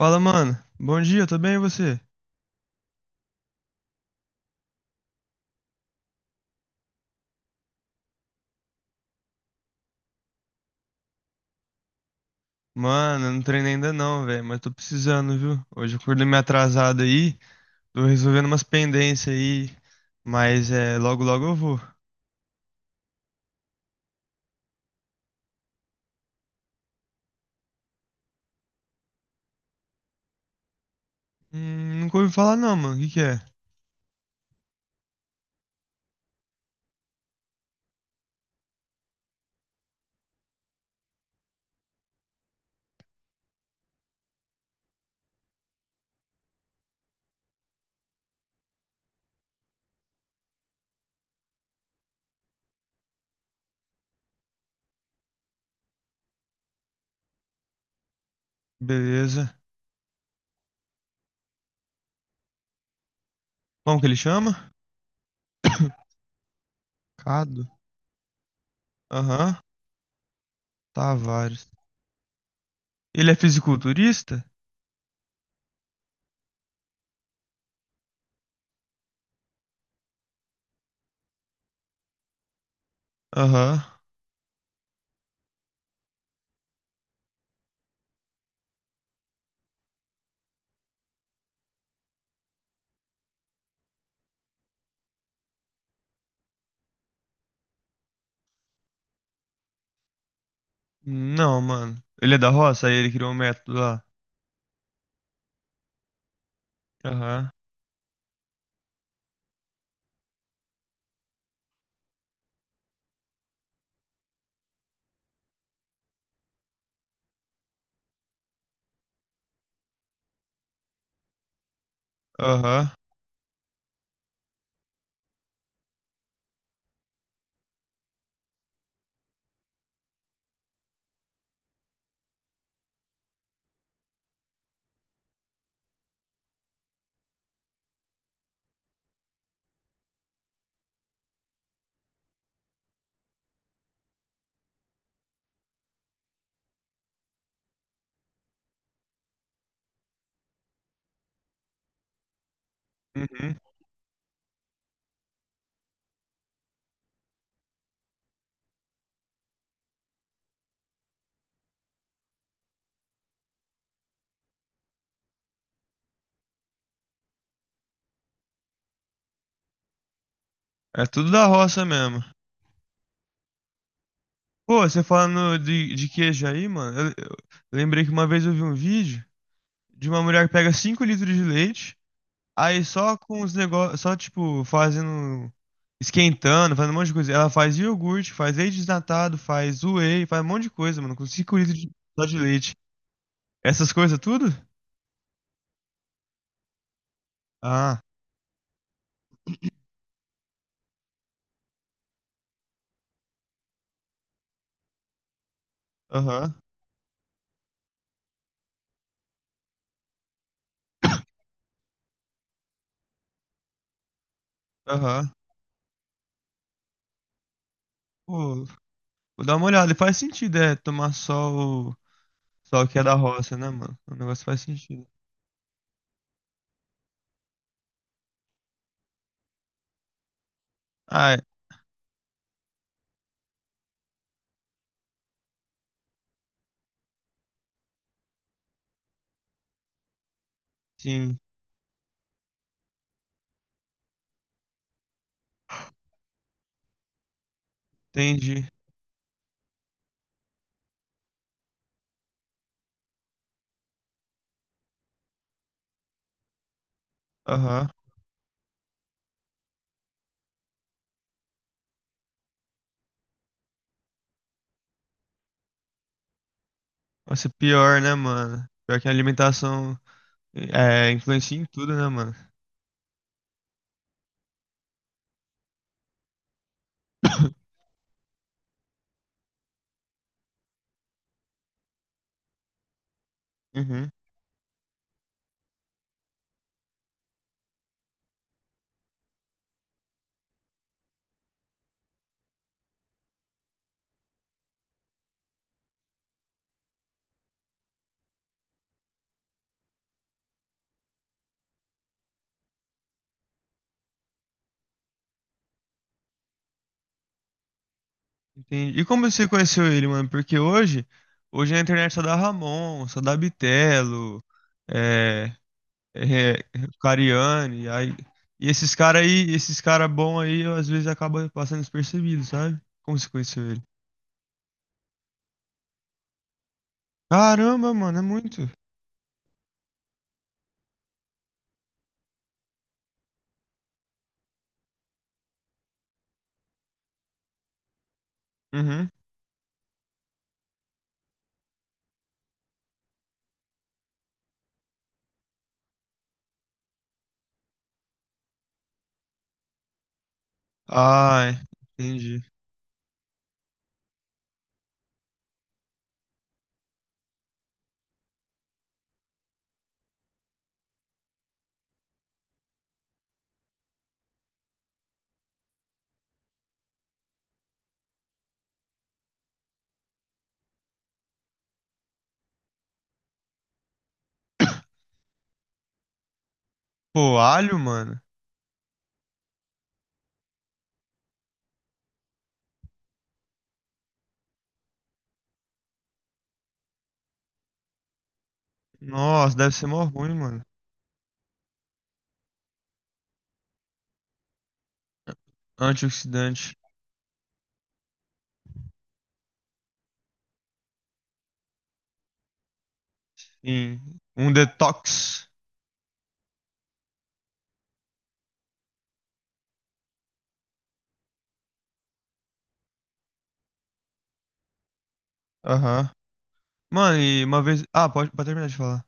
Fala, mano. Bom dia, tudo bem e você? Mano, eu não treinei ainda não, velho, mas tô precisando, viu? Hoje eu acordei meio atrasado aí, tô resolvendo umas pendências aí, mas é, logo logo eu vou. Nunca ouvi falar não, mano. O que que é? Beleza. Como que ele chama? Cado. Aham. Tavares. Ele é fisiculturista? Aham. Não, mano. Ele é da roça? Aí ele criou um método lá. Aham. Aham. Uhum. É tudo da roça mesmo. Pô, você falando de queijo aí, mano, eu lembrei que uma vez eu vi um vídeo de uma mulher que pega 5 litros de leite, aí só com os negócios, só tipo, fazendo, esquentando, fazendo um monte de coisa. Ela faz iogurte, faz leite desnatado, faz whey, faz um monte de coisa, mano, com 5 litros de, só de leite. Essas coisas tudo? Ah, aham, aham. Pô, vou dar uma olhada, e faz sentido, é, tomar só só o que é da roça, né, mano? O negócio faz sentido. Ah, é, sim, entendi. Aham. Nossa, pior, né, mano? Pior que a alimentação é, influencia em tudo, né, mano? Uhum. Entendi. E como você conheceu ele, mano? Porque hoje a internet só dá Ramon, só dá Bitelo, é, é, é, Cariani, aí, e esses caras aí, esses caras bons aí, às vezes acaba passando despercebido, sabe? Como você conheceu ele? Caramba, mano, é muito. Uhum. Ai, entendi. Pô, alho, mano. Nossa, deve ser mó ruim, mano. Antioxidante. Sim. Um detox. Aham. Mano, e uma vez. Ah, pode, terminar de falar.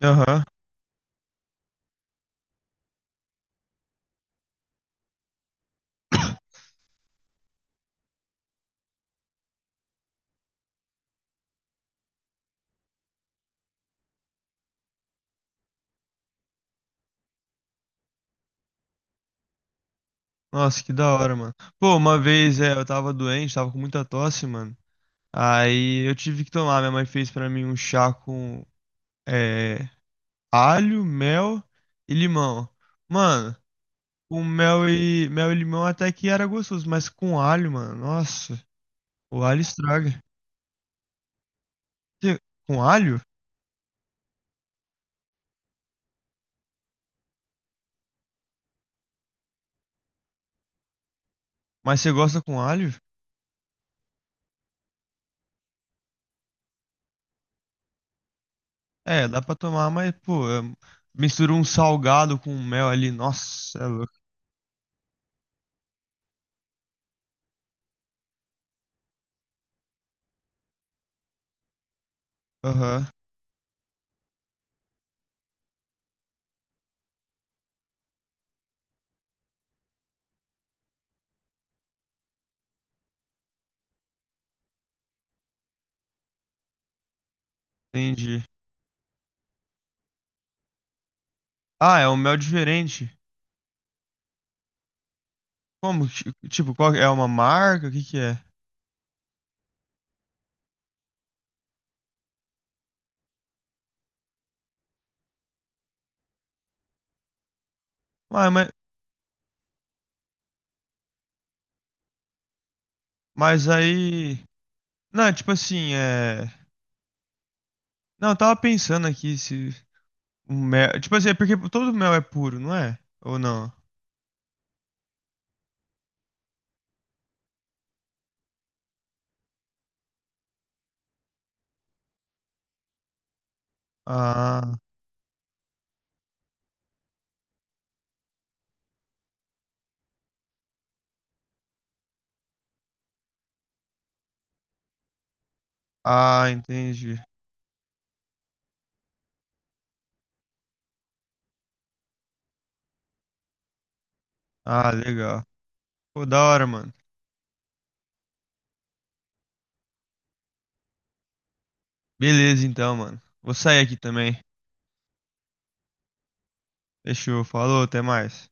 Aham. Nossa, que da hora, mano. Pô, uma vez é, eu tava doente, tava com muita tosse, mano. Aí eu tive que tomar. Minha mãe fez pra mim um chá com é, alho, mel e limão. Mano, com mel mel e limão até que era gostoso, mas com alho, mano. Nossa, o alho estraga. Você- Com alho? Mas você gosta com alho? É, dá pra tomar, mas, pô, é- mistura um salgado com mel ali. Nossa, é louco. Aham, entendi. Ah, é um mel diferente. Como? Ti- Tipo, qual é? É uma marca? O que que é? Ué, mas aí. Não, é tipo assim, é. Não, eu tava pensando aqui se. Um mel. Tipo assim, é porque todo mel é puro, não é? Ou não? Ah, ah, entendi. Ah, legal. Pô, da hora, mano. Beleza, então, mano. Vou sair aqui também. Fechou, falou, até mais.